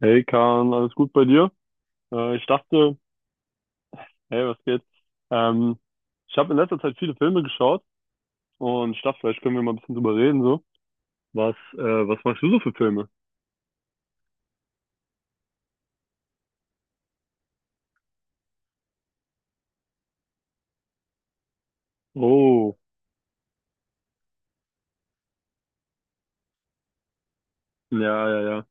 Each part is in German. Hey Kahn, alles gut bei dir? Ich dachte, hey, was geht? Ähm, Ich habe in letzter Zeit viele Filme geschaut und ich dachte, vielleicht können wir mal ein bisschen drüber reden, so. Was machst du so für Filme? Oh, ja, ja, ja.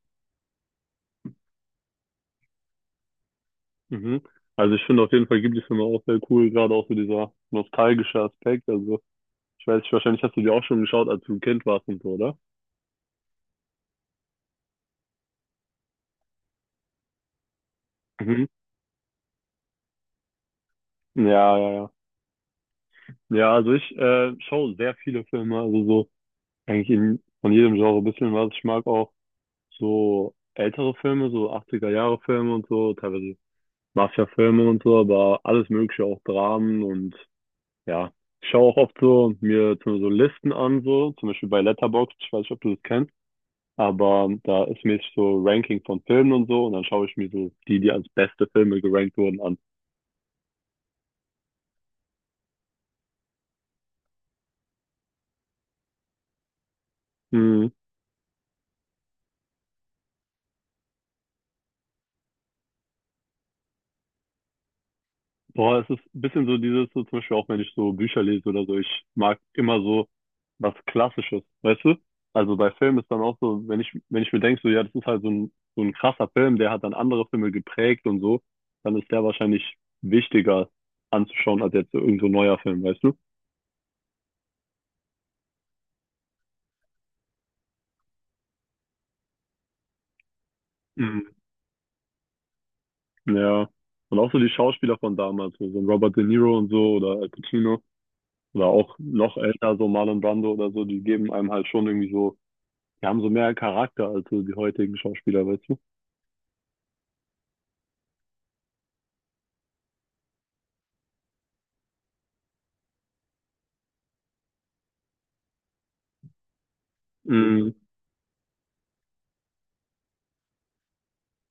Mhm. Also ich finde auf jeden Fall Ghibli-Filme auch sehr cool, gerade auch so dieser nostalgische Aspekt. Also ich weiß nicht, wahrscheinlich hast du die auch schon geschaut, als du ein Kind warst und so, oder? Mhm. Ja, ja, ja. Ja, also ich schaue sehr viele Filme, also eigentlich von jedem Genre ein bisschen was. Ich mag auch so ältere Filme, so 80er Jahre Filme und so, teilweise Mafia-Filme und so, aber alles Mögliche, auch Dramen und ja. Ich schaue auch oft so mir so Listen an, so, zum Beispiel bei Letterboxd, ich weiß nicht, ob du das kennst, aber da ist mir so Ranking von Filmen und so und dann schaue ich mir so die als beste Filme gerankt wurden an. Hm. Boah, es ist ein bisschen so dieses, so zum Beispiel auch wenn ich so Bücher lese oder so, ich mag immer so was Klassisches, weißt du? Also bei Filmen ist dann auch so, wenn ich mir denke, so ja, das ist halt so ein krasser Film, der hat dann andere Filme geprägt und so, dann ist der wahrscheinlich wichtiger anzuschauen als jetzt so irgend so ein neuer Film, weißt du? Mhm. Ja. Und auch so die Schauspieler von damals, so ein Robert De Niro und so oder Al Pacino oder auch noch älter, so Marlon Brando oder so, die geben einem halt schon irgendwie so. Die haben so mehr Charakter als so die heutigen Schauspieler, weißt du? Mhm.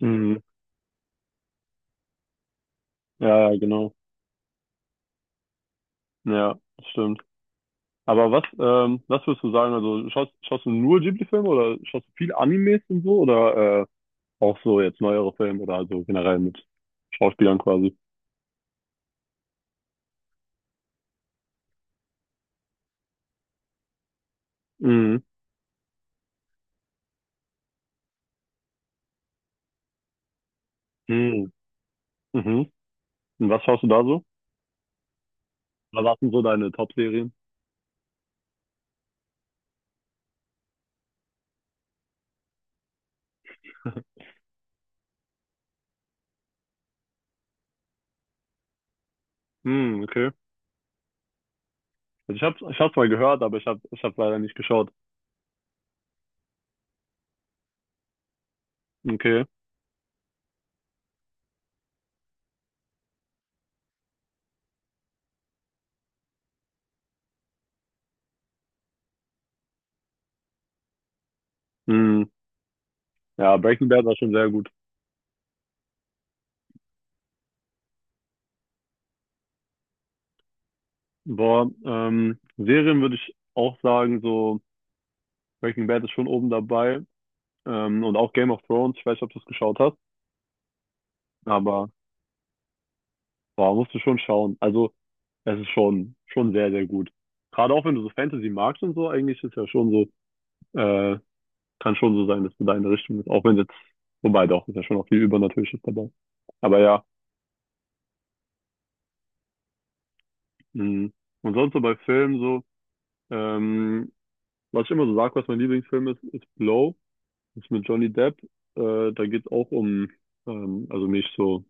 Mhm. Ja, ja, genau. Ja, das stimmt. Aber was würdest du sagen? Also schaust du nur Ghibli-Filme oder schaust du viele Animes und so, oder auch so jetzt neuere Filme oder also generell mit Schauspielern quasi? Mhm. Mhm. Mhm. Und was schaust du da so? Was waren so deine Top-Serien? Mhm, okay. Also ich hab's mal gehört, aber ich hab's leider nicht geschaut. Okay. Mhm. Ja, Breaking Bad war schon sehr gut. Boah, Serien würde ich auch sagen, so Breaking Bad ist schon oben dabei. Und auch Game of Thrones, ich weiß nicht, ob du es geschaut hast, aber boah, musst du schon schauen. Also, es ist schon sehr gut. Gerade auch wenn du so Fantasy magst und so, eigentlich ist ja schon so, äh, kann schon so sein, dass du da in der Richtung bist. Auch wenn jetzt, wobei doch, ist ja schon auch viel Übernatürliches dabei. Aber ja, mh. Und sonst so bei Filmen so, ähm, was ich immer so sage, was mein Lieblingsfilm ist, ist Blow. Ist mit Johnny Depp. Da geht's auch um also nicht so,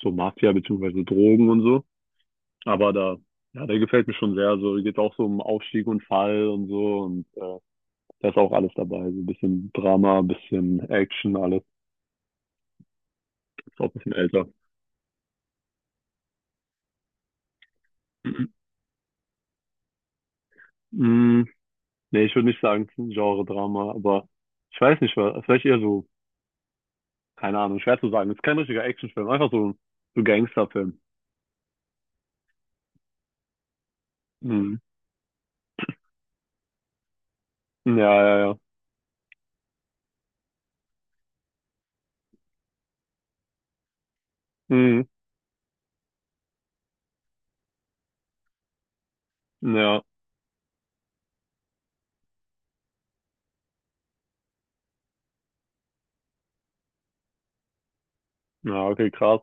so Mafia beziehungsweise Drogen und so. Aber da, ja, der gefällt mir schon sehr. So geht auch so um Aufstieg und Fall und so. Und da ist auch alles dabei. So ein bisschen Drama, ein bisschen Action, alles. Ist auch ein bisschen älter. Mm, nee, ich würde nicht sagen, es ist ein Genre-Drama, aber ich weiß nicht, was vielleicht eher so, keine Ahnung, schwer zu sagen. Es ist kein richtiger Actionfilm, einfach so, so Gangsterfilm. Mhm. Ja, ja, ja. Mhm. Ja. Ja, okay, krass.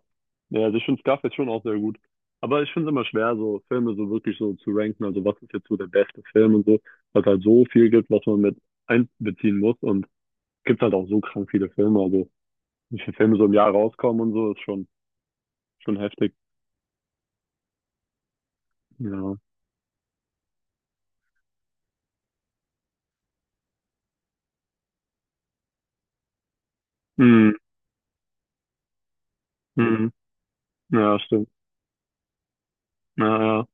Ja, also ich finde Scarface schon auch sehr gut. Aber ich finde es immer schwer, so Filme so wirklich so zu ranken. Also was ist jetzt so der beste Film und so, weil es halt so viel gibt, was man mit einbeziehen muss. Und es gibt halt auch so krank viele Filme. Also wie viele Filme so im Jahr rauskommen und so, ist schon heftig. Ja. Mhm. Mhm. Ja, stimmt. Ja, ja.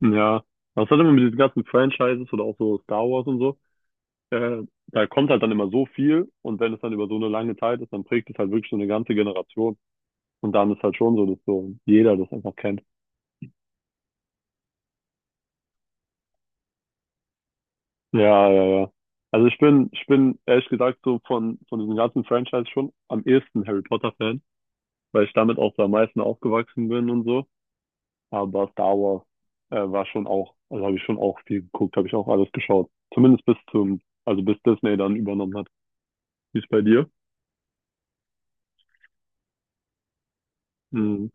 Ja. Was hat immer mit diesen ganzen Franchises oder auch so Star Wars und so? Da kommt halt dann immer so viel und wenn es dann über so eine lange Zeit ist, dann prägt es halt wirklich so eine ganze Generation. Und dann ist halt schon so, dass so jeder das einfach kennt. Ja, ja, ja. Also ich bin ehrlich gesagt so von diesem ganzen Franchise schon am ehesten Harry Potter Fan, weil ich damit auch so am meisten aufgewachsen bin und so. Aber Star Wars war schon auch, also habe ich schon auch viel geguckt, habe ich auch alles geschaut. Zumindest bis zum, also bis Disney dann übernommen hat. Wie ist bei dir? Mhm.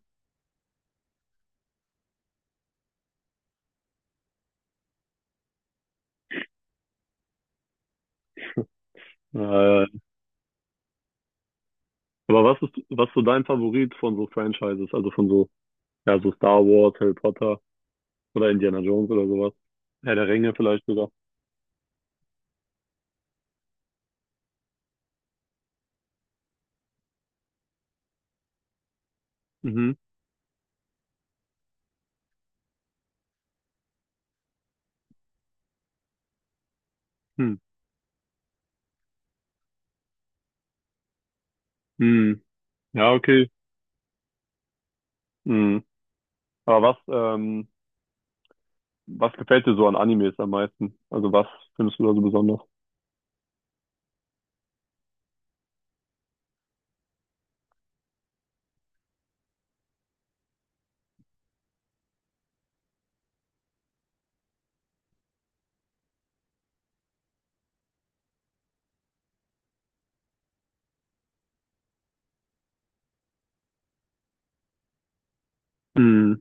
Äh, aber was ist so dein Favorit von so Franchises? Also von so, ja, so Star Wars, Harry Potter oder Indiana Jones oder sowas? Herr der Ringe vielleicht sogar. Mhm. Hm. Hm. Ja, okay. Hm. Aber ähm, was gefällt dir so an Animes am meisten? Also was findest du da so besonders? Hm.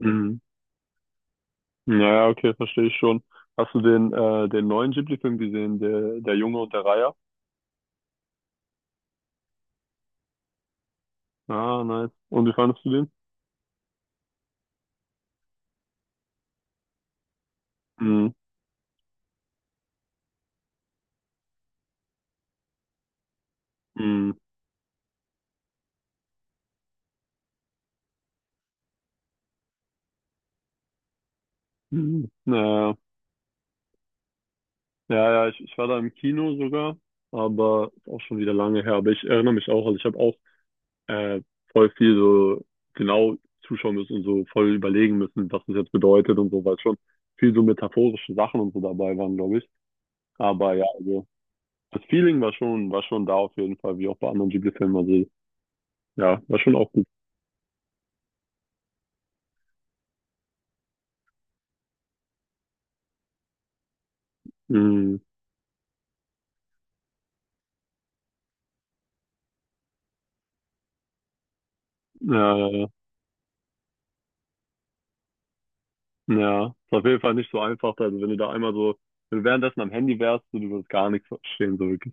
Hm. Ja, okay, verstehe ich schon. Hast du den neuen Ghibli-Film gesehen, der Junge und der Reiher? Ah, nice. Und wie fandest du den? Hm. Hm. Hm. Ja, ja, ja, ich war da im Kino sogar, aber ist auch schon wieder lange her. Aber ich erinnere mich auch, also ich habe auch äh, voll viel so genau zuschauen müssen und so voll überlegen müssen, was das jetzt bedeutet und so, weil schon viel so metaphorische Sachen und so dabei waren, glaube ich. Aber ja, also das Feeling war war schon da auf jeden Fall, wie auch bei anderen Ghibli-Filmen. Also ja, war schon auch gut. Mhm. Ja, ja, ja. Ja, ist auf jeden Fall nicht so einfach. Also wenn du da einmal so, wenn du währenddessen am Handy wärst, so, du würdest gar nichts verstehen, so wirklich.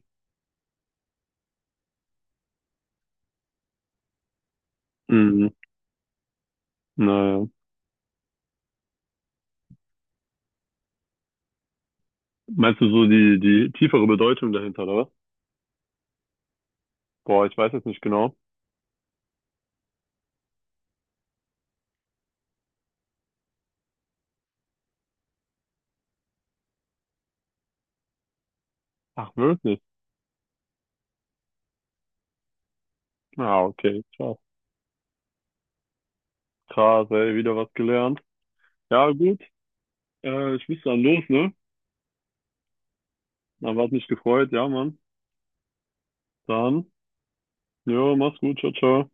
Mhm. Naja. Meinst du so die tiefere Bedeutung dahinter, oder? Was? Boah, ich weiß jetzt nicht genau. Ach, wirklich? Ah, okay, krass. Krass, ey, wieder was gelernt. Ja, gut. Ich muss dann los, ne? Aber hat mich gefreut, ja, Mann. Dann, jo, mach's gut, ciao, ciao.